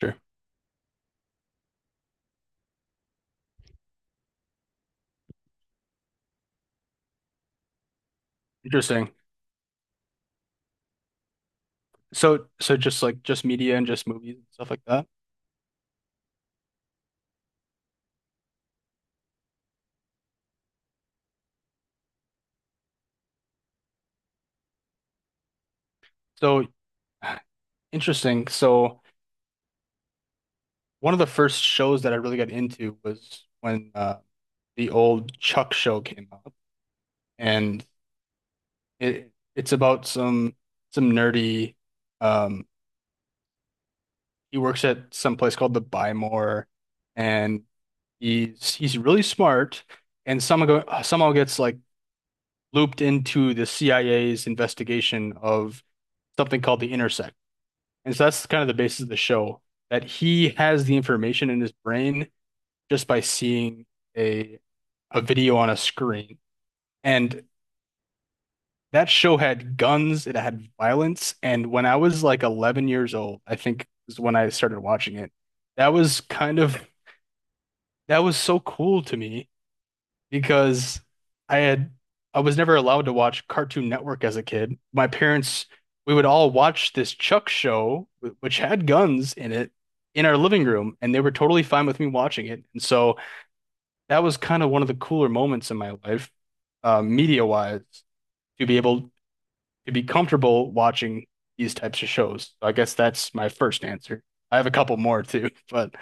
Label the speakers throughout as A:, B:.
A: Sure. Interesting. So just like just media and just movies and stuff like that. So, interesting. So, one of the first shows that I really got into was when the old Chuck show came out, and it's about some some nerdy. Um, he works at some place called the Bymore, and he's really smart, and somehow gets like looped into the CIA's investigation of something called the Intercept. And so that's kind of the basis of the show, that he has the information in his brain just by seeing a a video on a screen. And that show had guns, it had violence, and when I was like 11 years old, I think is when I started watching it. That was kind of that was so cool to me because I had I was never allowed to watch Cartoon Network as a kid. My parents, we would all watch this Chuck show, which had guns in it, in our living room, and they were totally fine with me watching it. And so that was kind of one of the cooler moments in my life, media-wise, to be able to be comfortable watching these types of shows. So I guess that's my first answer. I have a couple more too, but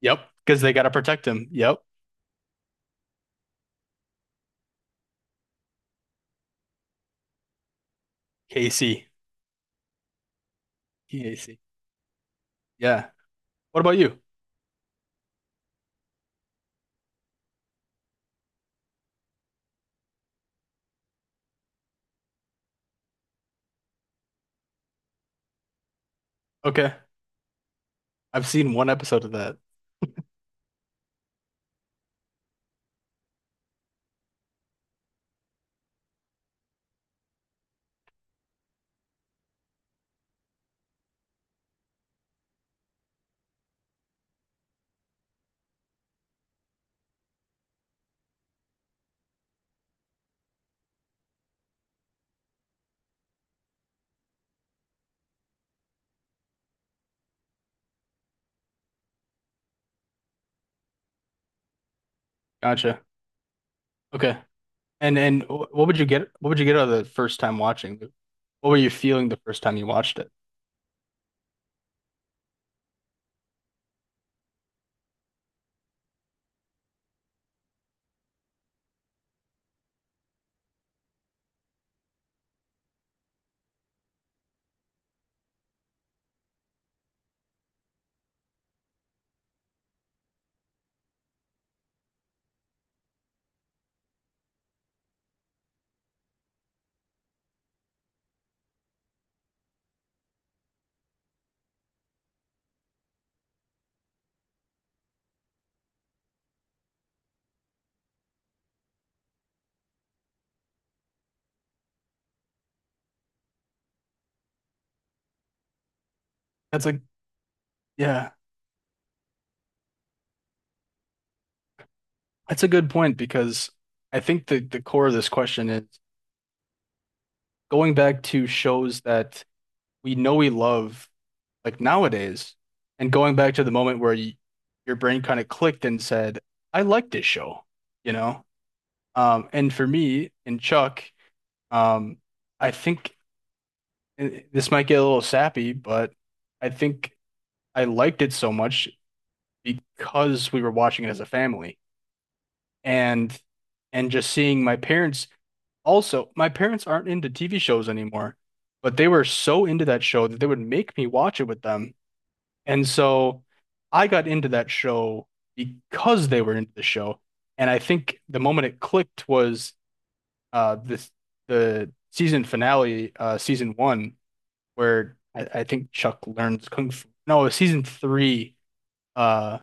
A: yep, because they got to protect him. Yep, Casey, Casey. Yeah. What about you? Okay. I've seen one episode of that. Gotcha. Okay. And what would you get? What would you get out of the first time watching? What were you feeling the first time you watched it? That's a yeah. That's a good point because I think the core of this question is going back to shows that we know we love like nowadays, and going back to the moment where you, your brain kind of clicked and said, "I like this show," you know. And for me and Chuck, um, I think, and this might get a little sappy, but I think I liked it so much because we were watching it as a family and and just seeing my parents, also my parents aren't into TV shows anymore, but they were so into that show that they would make me watch it with them. And so I got into that show because they were into the show. And I think the moment it clicked was this the season finale, season one where I think Chuck learns kung fu. No, season three, uh,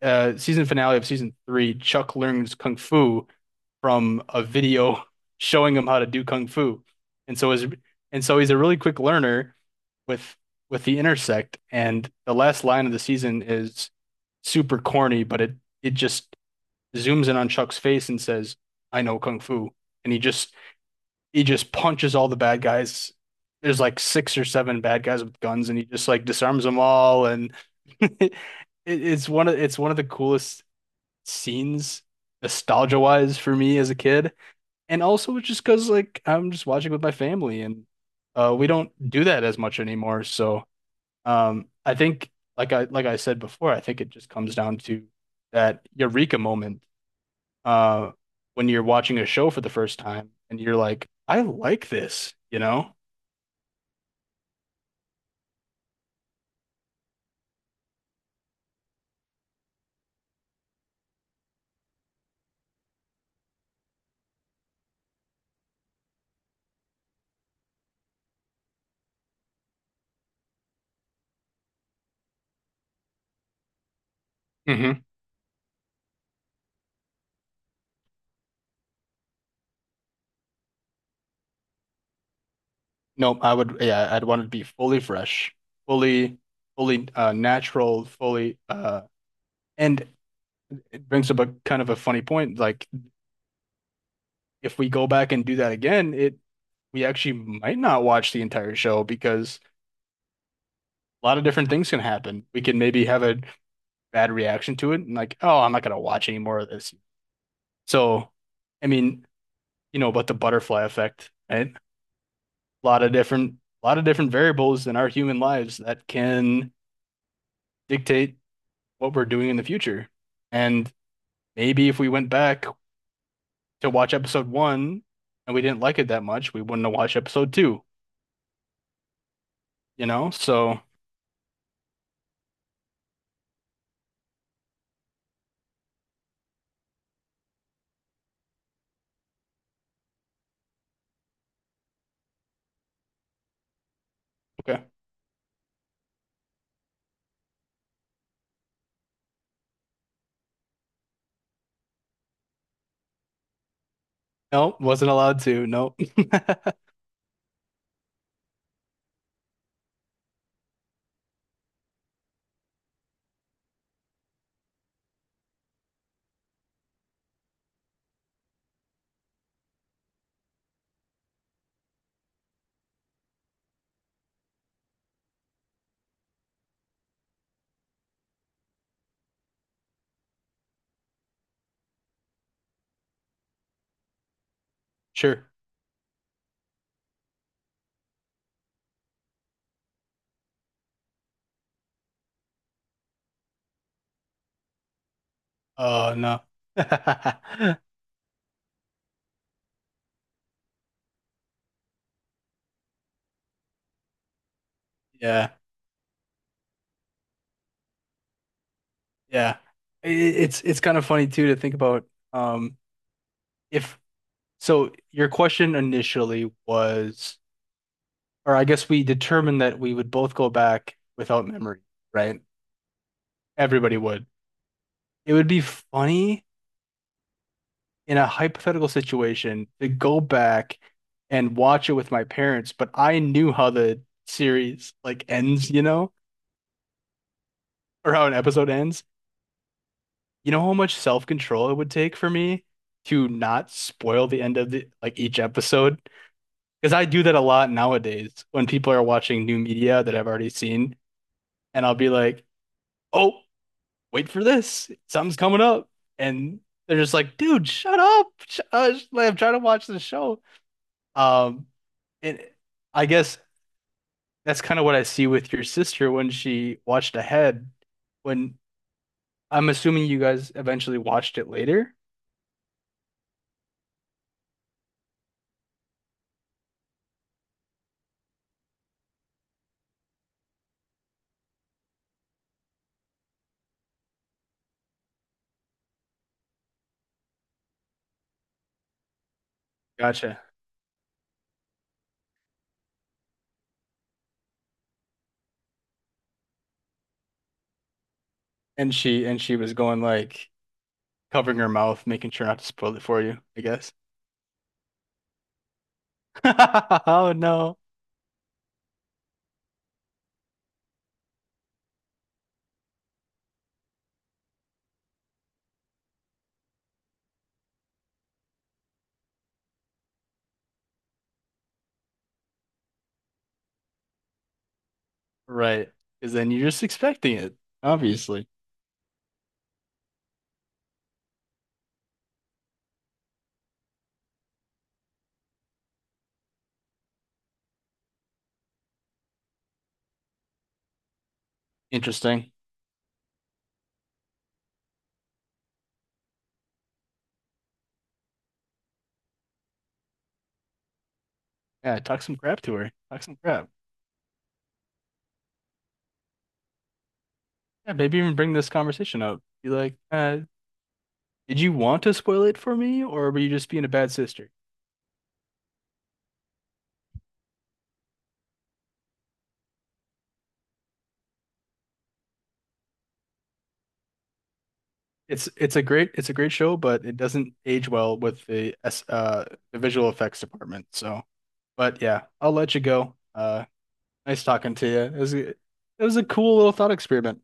A: season finale of season three, Chuck learns kung fu from a video showing him how to do kung fu, and so is and so he's a really quick learner with the intersect. And the last line of the season is super corny, but it just zooms in on Chuck's face and says, "I know kung fu," and he just punches all the bad guys. There's like six or seven bad guys with guns, and he just like disarms them all. And it, it's one of the coolest scenes, nostalgia wise, for me as a kid. And also just because like I'm just watching with my family, and we don't do that as much anymore. So I think like I said before, I think it just comes down to that eureka moment uh, when you're watching a show for the first time and you're like, I like this, you know? Mm-hmm. No, I would, yeah, I'd want it to be fully fresh, fully, fully natural, fully, and it brings up a kind of a funny point. Like, if we go back and do that again, we actually might not watch the entire show because a lot of different things can happen. We can maybe have a bad reaction to it and like, oh, I'm not gonna watch any more of this. So, I mean, you know about the butterfly effect, right? A lot of different a lot of different variables in our human lives that can dictate what we're doing in the future. And maybe if we went back to watch episode one and we didn't like it that much, we wouldn't have watched episode two, you know? So, okay. No, wasn't allowed to. No. Sure. Oh, no. Yeah. Yeah. It's kind of funny too to think about um if so your question initially was or I guess we determined that we would both go back without memory, right? Everybody would. It would be funny in a hypothetical situation to go back and watch it with my parents, but I knew how the series like ends, you know, or how an episode ends. You know how much self-control it would take for me to not spoil the end of the like each episode? Because I do that a lot nowadays when people are watching new media that I've already seen, and I'll be like, "Oh, wait for this. Something's coming up." And they're just like, dude, shut up. Like, I'm trying to watch the show. Um, and I guess that's kind of what I see with your sister when she watched ahead. When I'm assuming you guys eventually watched it later. Gotcha. And she was going like covering her mouth, making sure not to spoil it for you, I guess. Oh no. Right. Because then you're just expecting it, obviously. Interesting. Yeah, talk some crap to her. Talk some crap. Yeah, maybe even bring this conversation up. Be like, did you want to spoil it for me, or were you just being a bad sister? It's a great it's a great show, but it doesn't age well with the S the visual effects department. So, but yeah, I'll let you go. Nice talking to you. It was a cool little thought experiment.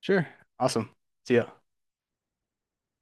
A: Sure, awesome. See ya.